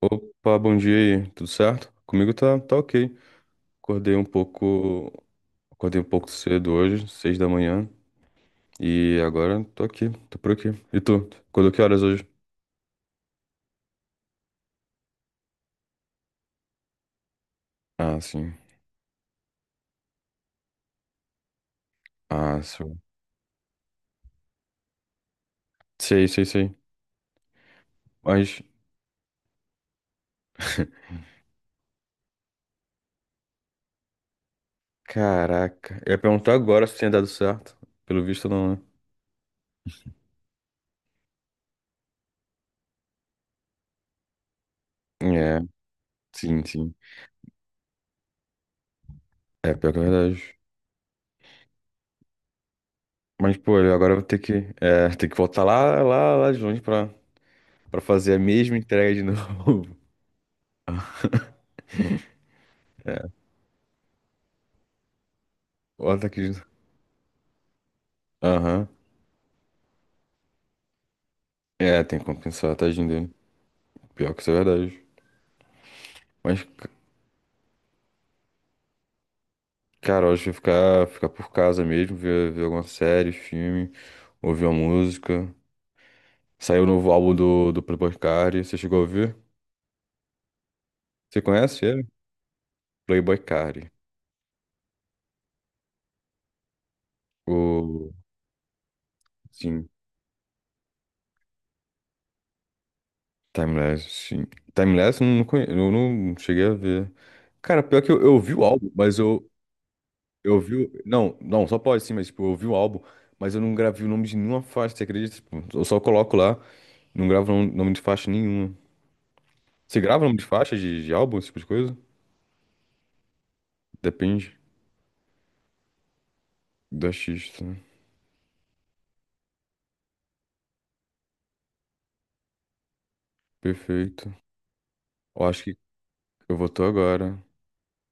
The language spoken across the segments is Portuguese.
Opa, bom dia aí, tudo certo? Comigo tá ok. Acordei um pouco, acordei um pouco cedo hoje, 6 da manhã, e agora tô aqui, tô por aqui. E tu? Acordou que horas hoje? Ah, sim. Ah, sim. Sei, sei, sei. Mas, caraca, eu ia perguntar agora se tinha dado certo. Pelo visto, não, né? É, sim, sim. É, pior que é verdade. Mas, pô, eu agora vou ter que voltar lá de longe pra fazer a mesma entrega de novo. É, volta aqui de novo. Aham. É, tem que compensar, tadinho dele. Pior que isso é verdade. Mas, cara, eu acho que eu ficar por casa mesmo, ver alguma série, filme, ouvir uma música. Saiu o novo álbum do Playboy Carti, você chegou a ouvir? Você conhece ele? Playboy Carti. O... Sim, sim. Timeless eu não cheguei a ver. Cara, pior que eu ouvi o álbum, Não, não, só pode sim, mas tipo, eu ouvi o álbum, mas eu não gravei o nome de nenhuma faixa, você acredita? Tipo, eu só coloco lá, não gravo o nome de faixa nenhuma. Você grava um nome de faixa, de álbum, esse tipo de coisa? Depende do artista, né? Perfeito. Eu acho que eu vou tô agora.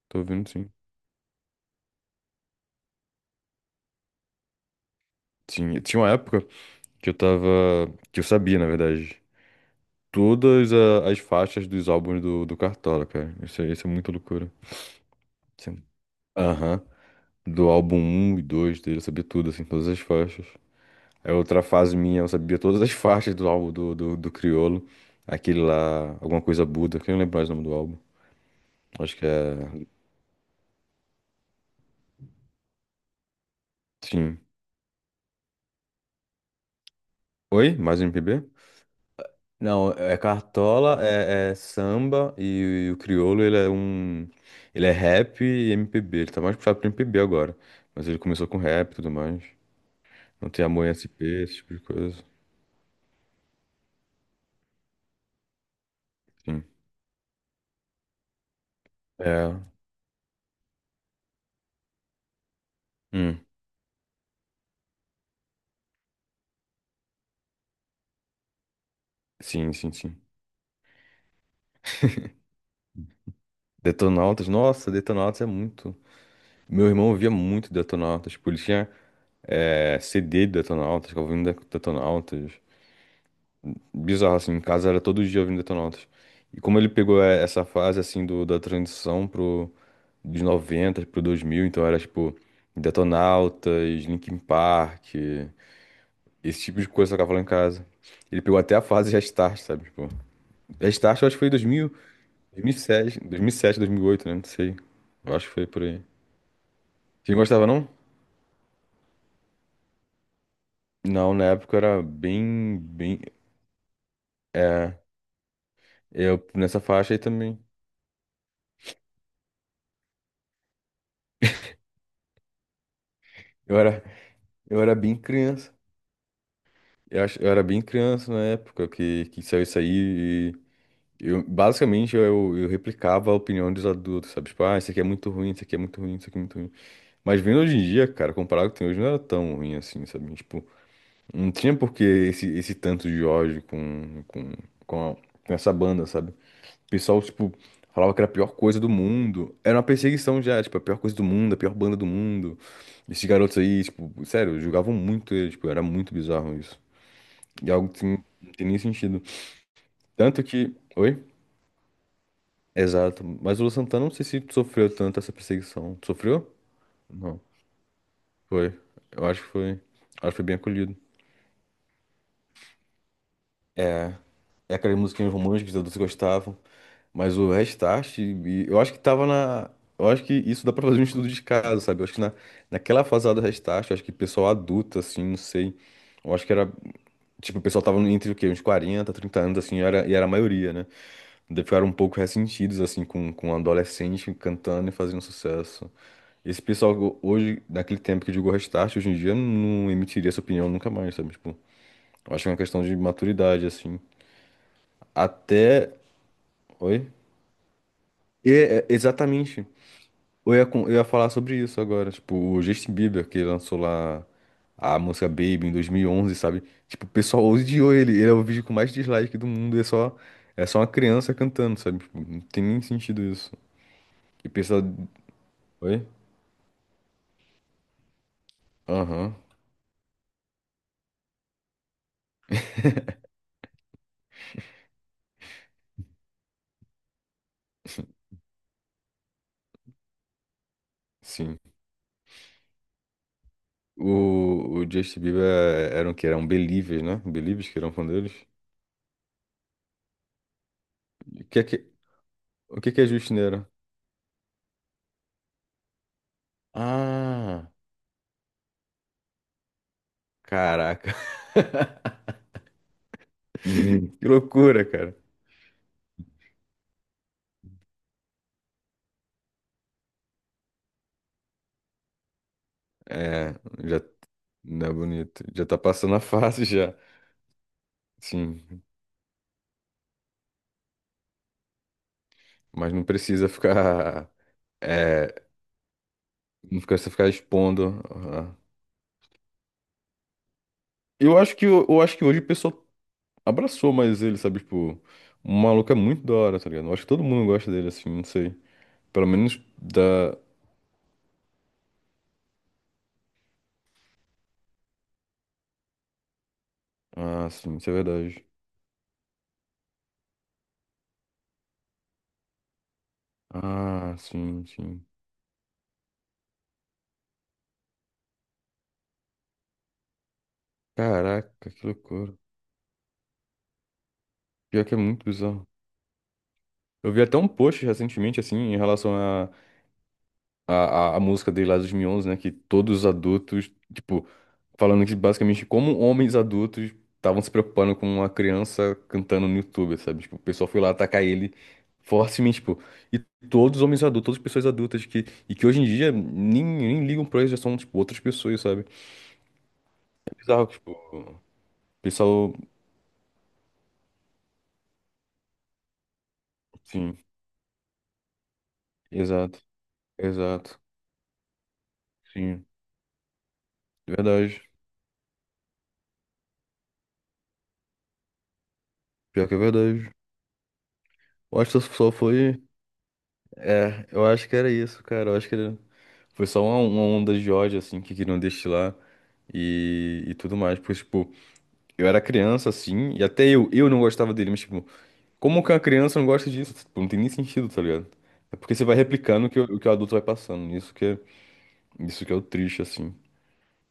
Tô ouvindo, sim. Tinha uma época que eu tava. Que eu sabia, na verdade. Todas as faixas dos álbuns do Cartola, cara. Isso, isso é muita loucura. Sim. Aham. Do álbum um e 2, dele, eu sabia tudo, assim, todas as faixas. É outra fase minha, eu sabia todas as faixas do álbum do Criolo. Aquele lá, alguma coisa Buda, que eu não lembro mais o nome do álbum. Acho que é. Sim. Oi? Mais um MPB? Não, é Cartola, é samba e, o Criolo, ele é um... Ele é rap e MPB. Ele tá mais puxado pro MPB agora. Mas ele começou com rap e tudo mais. Não tem amor em SP, esse tipo de coisa. Sim. É. Hum. Sim, sim, sim. Detonautas. Nossa, Detonautas é muito... Meu irmão ouvia muito Detonautas. Tipo, ele tinha CD de Detonautas, ficava ouvindo Detonautas. Bizarro, assim, em casa era todo dia ouvindo Detonautas. E como ele pegou essa fase, assim, da transição dos 90 pro 2000, então era, tipo, Detonautas, Linkin Park, esse tipo de coisa que eu tocava lá em casa. Ele pegou até a fase Restart, sabe, tipo... Restart eu acho que foi 2007, 2007, 2000, 2007, 2007, 2008, né, não sei. Eu acho que foi por aí. Você gostava, não? Não, na época eu era bem, bem... É, eu nessa faixa aí também. Eu era, eu era bem criança. Eu era bem criança na época que saiu isso aí e eu, basicamente eu replicava a opinião dos adultos, sabe? Tipo, ah, isso aqui é muito ruim, isso aqui é muito ruim, isso aqui é muito ruim. Mas vendo hoje em dia, cara, comparado com o que tem hoje, não era tão ruim assim, sabe? Tipo, não tinha por que esse tanto de ódio com, a- com essa banda, sabe? O pessoal, tipo, falava que era a pior coisa do mundo. Era uma perseguição já, tipo, a pior coisa do mundo, a pior banda do mundo. Esses garotos aí, tipo, sério, julgavam muito eles, tipo, era muito bizarro isso. E algo que não tem nem sentido. Tanto que. Oi? Exato. Mas o Lu Santana, não sei se sofreu tanto essa perseguição. Sofreu? Não. Foi. Eu acho que foi. Acho que foi bem acolhido. É É, aquelas musiquinhas românticas que todos gostavam. Mas o Restart, eu acho que tava na. Eu acho que isso dá pra fazer um estudo de caso, sabe? Eu acho que na, naquela fase lá do Restart, eu acho que pessoal adulto, assim, não sei. Eu acho que era. Tipo, o pessoal tava entre o quê? Uns 40, 30 anos, assim, e era a maioria, né? Daí ficaram um pouco ressentidos, assim, com um adolescente cantando e fazendo sucesso. Esse pessoal, hoje, naquele tempo que jogou Restart, hoje em dia não emitiria essa opinião nunca mais, sabe? Tipo, eu acho que é uma questão de maturidade, assim. Até. Oi? E, exatamente. Eu ia falar sobre isso agora. Tipo, o Justin Bieber, que lançou lá a música Baby em 2011, sabe? Tipo, o pessoal odiou ele. Ele é o vídeo com mais dislike do mundo. É só uma criança cantando, sabe? Tipo, não tem nem sentido isso. E o pessoal. Oi? Aham, sim. O Justin Bieber eram Believers, né? Believers que eram fã deles. O que é que, o que que é Justineira? Ah, caraca. Que loucura, cara. É, já não é bonito. Já tá passando a fase já. Sim, mas não precisa é, ficar expondo. Aham. Eu acho que hoje o pessoal abraçou mais ele, sabe? Tipo, o maluco é muito da hora, tá ligado? Eu acho que todo mundo gosta dele assim, não sei. Pelo menos da. Ah, sim, isso é verdade. Ah, sim, sim. Caraca, que loucura. Pior que é muito bizarro. Eu vi até um post recentemente, assim, em relação à música dele lá de 2011, né? Que todos os adultos, tipo, falando que basicamente como homens adultos estavam se preocupando com uma criança cantando no YouTube, sabe? Tipo, o pessoal foi lá atacar ele fortemente, tipo. E todos os homens adultos, todas as pessoas adultas que, e que hoje em dia nem, nem ligam pra isso, já são, tipo, outras pessoas, sabe? É bizarro, tipo. Pessoal, sim, exato, exato, sim, verdade, pior que é verdade. Eu acho que só foi, é, eu acho que era isso, cara, eu acho que era, foi só uma onda de ódio, assim, que queriam destilar e tudo mais, pois, tipo, eu era criança, assim, e até eu não gostava dele, mas, tipo, como que uma criança não gosta disso? Tipo, não tem nem sentido, tá ligado? É porque você vai replicando o que o adulto vai passando, isso que é o triste, assim,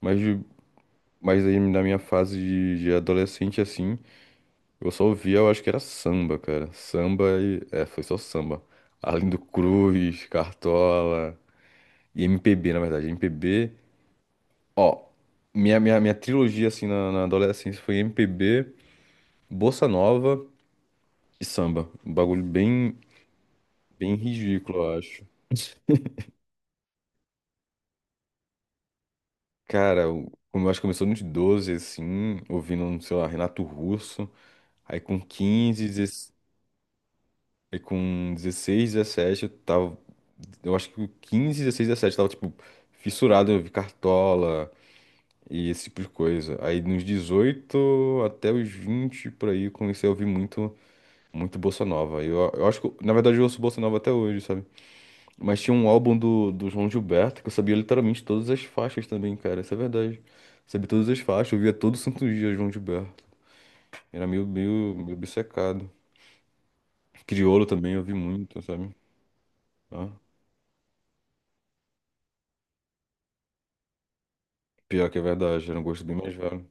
mas, mas aí na minha fase de adolescente, assim... Eu só ouvia, eu acho que era samba, cara. Samba e. É, foi só samba. Arlindo Cruz, Cartola e MPB, na verdade. MPB. Ó, minha trilogia, assim, na adolescência foi MPB, Bossa Nova e samba. Um bagulho bem, bem ridículo, eu acho. Cara, eu, como eu acho que começou nos 12 assim, ouvindo, sei lá, Renato Russo. Aí com 15, e com 16, 17 eu tava. Eu acho que com 15, 16, 17 eu tava, tipo, fissurado, eu vi Cartola e esse tipo de coisa. Aí nos 18 até os 20 por aí, eu comecei a ouvir muito, muito Bossa Nova. Eu acho que, na verdade, eu ouço Bossa Nova até hoje, sabe? Mas tinha um álbum do João Gilberto que eu sabia literalmente todas as faixas também, cara. Isso é verdade. Sabia todas as faixas, eu via todo santo dia João Gilberto. Era meio obcecado. Criolo também, eu ouvi muito, sabe? Ah, pior que é verdade, era um gosto bem mais velho.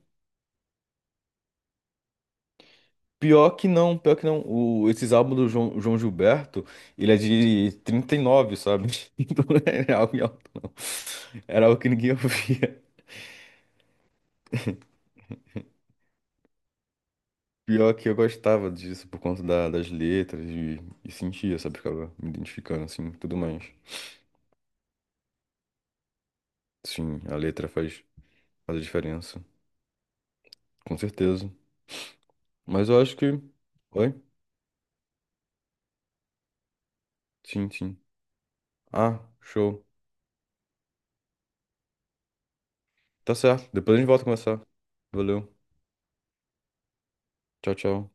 Pior que não, pior que não. O, esses álbuns do João Gilberto, ele é de 39, sabe? Então não é algo em alto, não. Era algo que ninguém ouvia. Pior que eu gostava disso por conta das letras e, sentia, sabe? Ficava me identificando, assim, e tudo mais. Sim, a letra faz a diferença, com certeza. Mas eu acho que. Oi? Sim, sim. Ah, show. Tá certo. Depois a gente volta a conversar. Valeu. Tchau, tchau.